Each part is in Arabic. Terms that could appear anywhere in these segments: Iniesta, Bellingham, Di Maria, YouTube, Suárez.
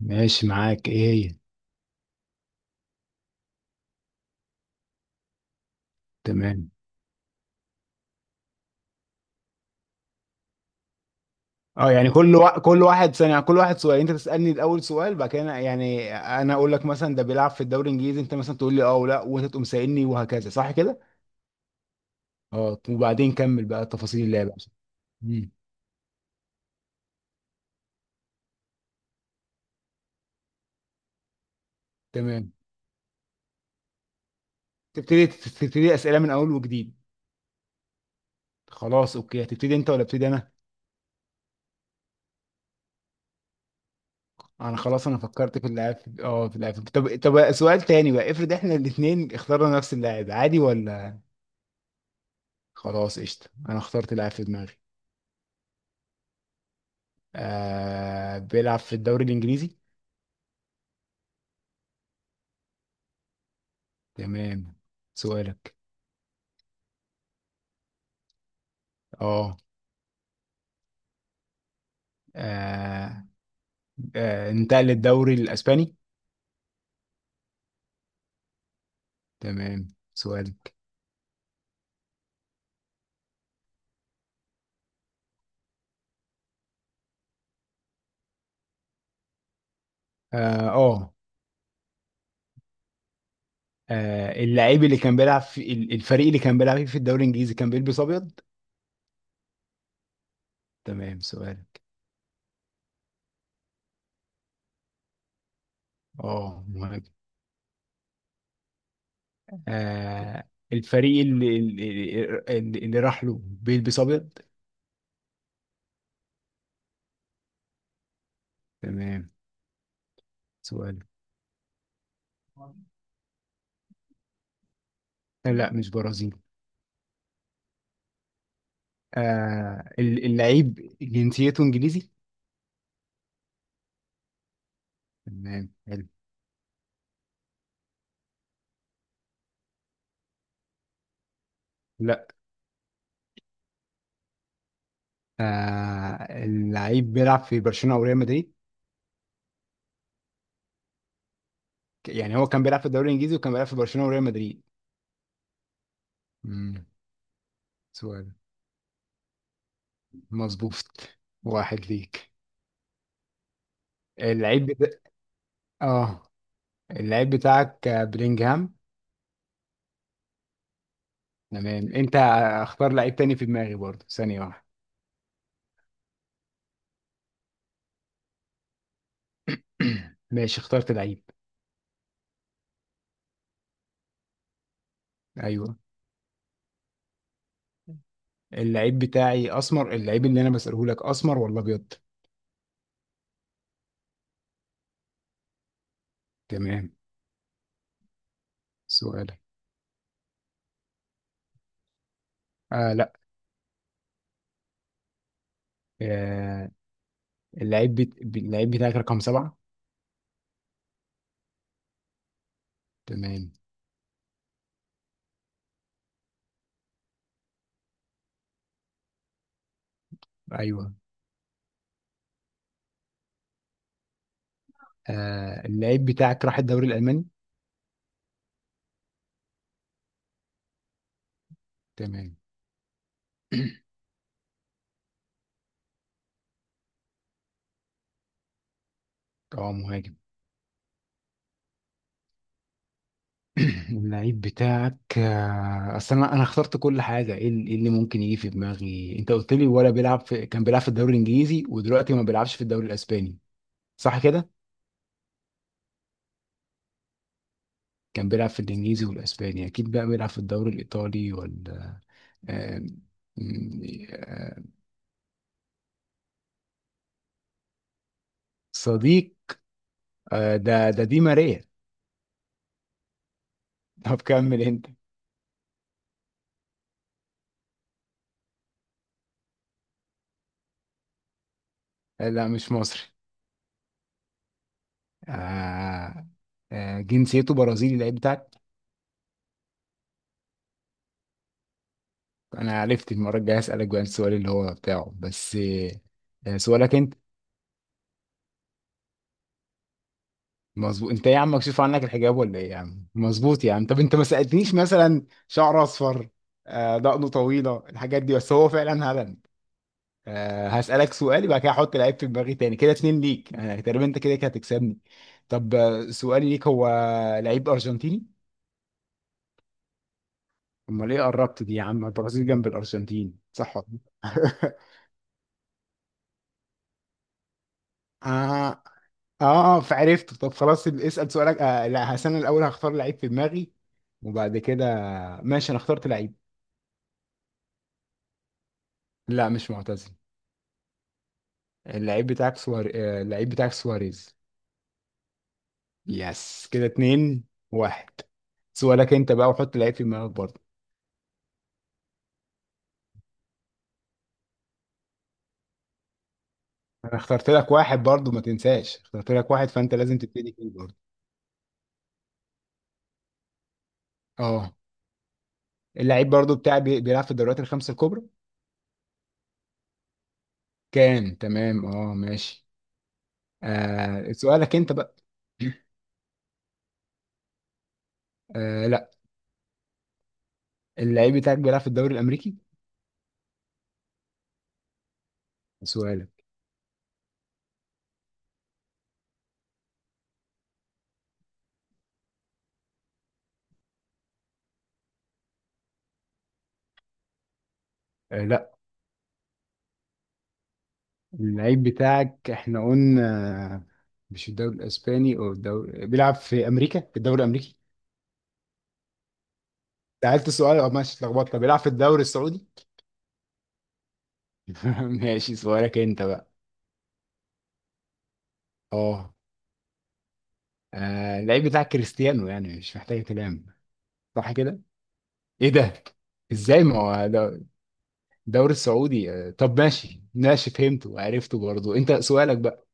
ماشي معاك، ايه هي؟ تمام. اه يعني كل واحد ثانية، كل واحد سؤال. انت تسألني الاول سؤال، بعد كده يعني انا اقول لك مثلا ده بيلعب في الدوري الانجليزي، انت مثلا تقول لي اه ولا، وانت تقوم سائلني وهكذا. صح كده؟ اه، وبعدين كمل بقى تفاصيل اللعبة. مم. تمام. تبتدي اسئلة من اول وجديد. خلاص اوكي، هتبتدي انت ولا ابتدي انا؟ انا خلاص، انا فكرت في اللاعب، طب سؤال تاني بقى، افرض احنا الاثنين اخترنا نفس اللاعب، عادي ولا؟ خلاص قشطة، انا اخترت لاعب في دماغي. بيلعب في الدوري الإنجليزي. تمام. سؤالك. اه آه. انتقل للدوري الإسباني. تمام. سؤالك. اه، اه، اللعيب اللي كان بيلعب في الفريق اللي كان بيلعب فيه في الدوري الإنجليزي، كان بيلبس أبيض. تمام. سؤالك. اه، مهم. الفريق اللي راح له بيلبس أبيض. تمام. سؤالك. لا، مش برازيل. اللعيب جنسيته انجليزي. تمام. لا. اللعيب بيلعب في برشلونة او ريال مدريد. يعني هو كان بيلعب في الدوري الانجليزي وكان بيلعب في برشلونة وريال مدريد. امم. سؤال. مظبوط. واحد ليك. اللعيب بتا... اه، اللعيب بتاعك بلينجهام. تمام. انت اختار لعيب تاني في دماغي برضه. ثانية واحدة. ماشي، اخترت لعيب. ايوه. اللعيب بتاعي اسمر، اللعيب اللي انا بسأله لك اسمر ولا ابيض؟ تمام. سؤالك. لا. آه اللعيب اللعيب بتاعك رقم 7. تمام. ايوه. اللعيب بتاعك راح الدوري الألماني. تمام. اه، مهاجم. اللعيب بتاعك، اصل انا اخترت كل حاجه. ايه اللي إيه اللي ممكن يجي في دماغي. انت قلت لي ولا بيلعب في كان بيلعب في الدوري الانجليزي، ودلوقتي ما بيلعبش في الدوري الاسباني، صح كده؟ كان بيلعب في الانجليزي والاسباني، اكيد بقى بيلعب في الدوري الايطالي ولا؟ آه، م- آه، صديق. ده دي ماريا. طب كمل انت. لا، مش مصري. آه، جنسيته برازيلي، اللعيب بتاعك. انا عرفت. المره الجايه اسالك بقى السؤال اللي هو بتاعه بس. سؤالك انت. مظبوط. انت إيه يا عم، مكشوف عنك الحجاب ولا ايه يا عم؟ مظبوط يا عم. طب انت ما سالتنيش مثلا شعر اصفر، دقنه طويله، الحاجات دي، بس هو فعلا هبل. هسالك سؤال بعد كده. هحط لعيب في دماغي تاني، كده اتنين ليك انا تقريبا، انت كده كده هتكسبني. طب سؤالي ليك هو لعيب ارجنتيني. امال ايه قربت دي يا عم؟ البرازيل جنب الارجنتين، صح ولا؟ لأ؟ آه. اه، اه، فعرفته. طب خلاص، اسأل سؤالك. لا، هس، انا الاول هختار لعيب في دماغي وبعد كده. ماشي، انا اخترت لعيب. لا، مش معتزل. اللعيب بتاعك سواريز. يس كده اتنين، واحد. سؤالك انت بقى، وحط لعيب في دماغك برضه. انا اخترت لك واحد برضه، ما تنساش، اخترت لك واحد، فانت لازم تبتدي فيه برضه. اه، اللعيب برضه بتاعي بيلعب في الدوريات الخمسة الكبرى. كان. تمام اه، ماشي. سؤالك انت بقى. لا. اللعيب بتاعك بيلعب في الدوري الامريكي. سؤالك. لا. اللعيب بتاعك احنا قلنا مش الدوري الاسباني او الدوري، بيلعب في امريكا، في الدوري الامريكي. سألت السؤال. اه، ماشي، اتلخبطت. طب بيلعب في الدوري السعودي. ماشي، سؤالك انت بقى. اه، اللعيب بتاعك كريستيانو، يعني مش محتاج كلام، صح كده؟ ايه ده، ازاي؟ ما هو الدوري السعودي. طب ماشي ماشي، فهمته وعرفته برضه. انت سؤالك بقى.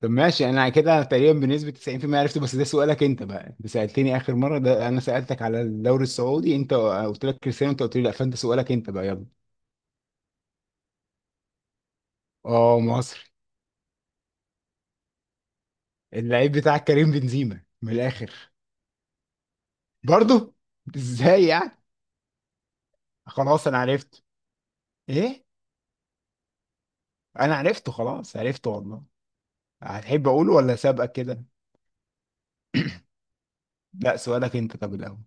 طب ماشي، انا كده تقريبا بنسبة 90% عرفته. بس ده سؤالك انت بقى، انت سألتني اخر مرة ده انا سألتك على الدوري السعودي، انت قلت لك كريستيانو، انت قلت لي لا، فانت سؤالك انت بقى، يلا. اه، مصري. اللعيب بتاعك كريم بنزيما من الاخر. برضه؟ ازاي يعني. خلاص انا عرفت. ايه؟ انا عرفته خلاص، عرفته والله. هتحب اقوله ولا سابقك كده؟ لا، سؤالك انت طب الاول.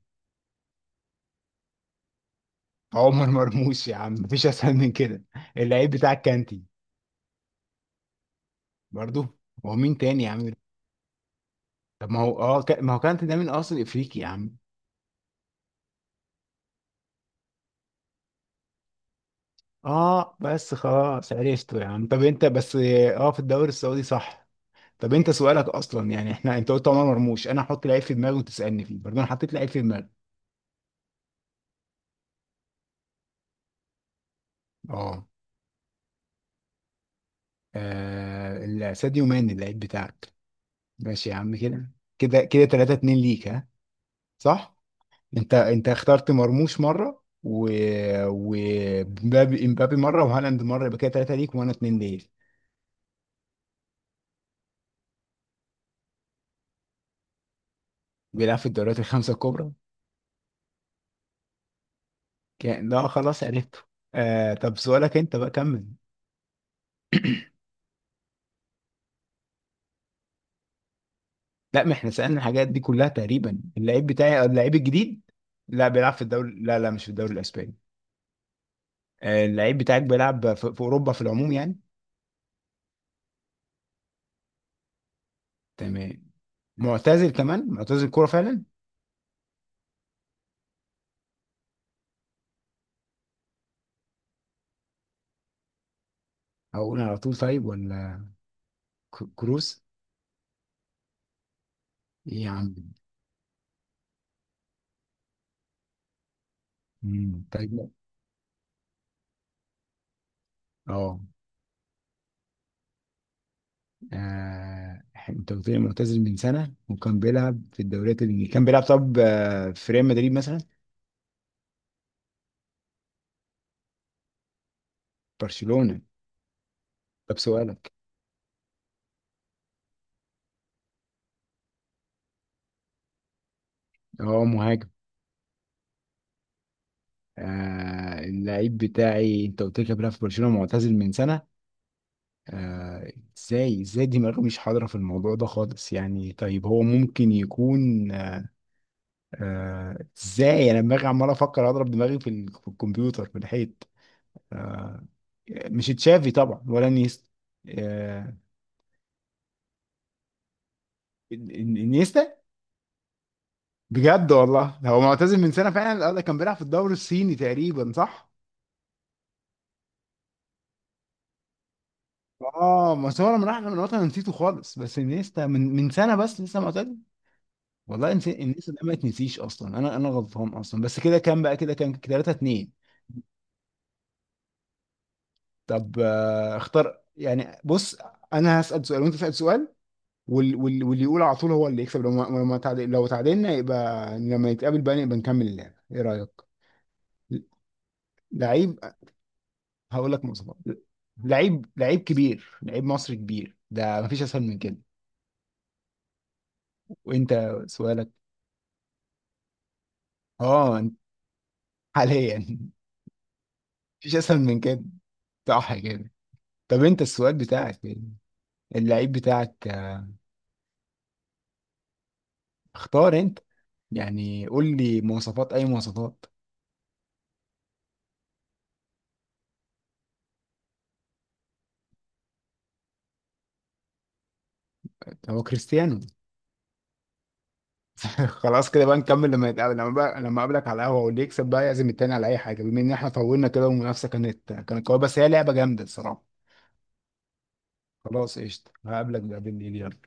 عمر مرموش يا عم، مفيش اسهل من كده. اللعيب بتاعك كانتي. برضه؟ هو مين تاني يا عم؟ طب ما هو كانت ده من اصل افريقي يا عم. اه، بس خلاص عرفته يا عم. طب انت بس اه في الدوري السعودي، صح؟ طب انت سؤالك اصلا، يعني احنا انت قلت عمر مرموش، انا هحط لعيب في دماغي وتسالني فيه برضه. انا حطيت لعيب في دماغي. اه، ساديو ماني اللعيب بتاعك. ماشي يا عم، كده كده كده 3-2 ليك، ها؟ صح. انت اخترت مرموش مره، و ومبابي امبابي مره، وهالاند مره، يبقى كده 3 ليك وانا 2 ليك. بيلعب في الدوريات الخمسه الكبرى. كان. ده خلاص، عرفته. طب سؤالك انت بقى، كمل. لا، ما احنا سألنا الحاجات دي كلها تقريبا. اللعيب بتاعي اللعيب الجديد. لا، بيلعب في الدوري، لا لا، مش في الدوري الاسباني. اللعيب بتاعك بيلعب في اوروبا، في العموم يعني. تمام. معتزل كمان، معتزل كوره فعلا. هقول على طول طيب ولا؟ كروس. ايه يا عم؟ مم، طيب. اه، آه، انت قلت لي معتزل من سنه وكان بيلعب في الدوريات اللي كان بيلعب. طب في ريال مدريد مثلا؟ برشلونه. طب سؤالك. اه، مهاجم. اللعيب بتاعي، انت قلت لي كان بيلعب في برشلونه، معتزل من سنه. آه ازاي دماغي مش حاضره في الموضوع ده خالص يعني. طيب هو ممكن يكون. ازاي؟ انا دماغي عمال افكر، اضرب دماغي في الكمبيوتر في الحيط. آه مش تشافي طبعا، ولا نيستا؟ آه إن- إن- انيستا. بجد والله، هو معتزل من سنه فعلا. ده كان بيلعب في الدوري الصيني تقريبا، صح؟ اه، ما هو لما راح من الوطن أنا نسيته خالص. بس انيستا من سنه بس، لسه معتزل. والله انت الناس اللي ما تنسيش اصلا، انا غلطان اصلا، بس كده كام بقى، كده كام 3-2؟ طب اختار يعني. بص، انا هسأل سؤال وانت تسأل سؤال، واللي يقول على طول هو اللي يكسب. لو ما تعادل، لو تعادلنا يبقى لما يتقابل بقى نبقى نكمل اللعبة. ايه رأيك؟ لعيب. هقول لك مواصفات. لعيب، لعيب كبير، لعيب مصري كبير، ده مفيش اسهل من كده. وانت، سؤالك. اه، حاليا. مفيش اسهل من كده، صح كده؟ طب انت السؤال بتاعك إيه؟ اللعيب بتاعك، اختار انت، يعني قول لي مواصفات، اي مواصفات. هو كريستيانو. خلاص كده بقى، نكمل لما نتقابل، لما بقى لما اقابلك على القهوه، واللي يكسب بقى يعزم التاني على اي حاجه، بما ان احنا طولنا كده والمنافسه كانت قويه. بس هي لعبه جامده الصراحه. خلاص قشطه، هقابلك بقى بالليل، يلا.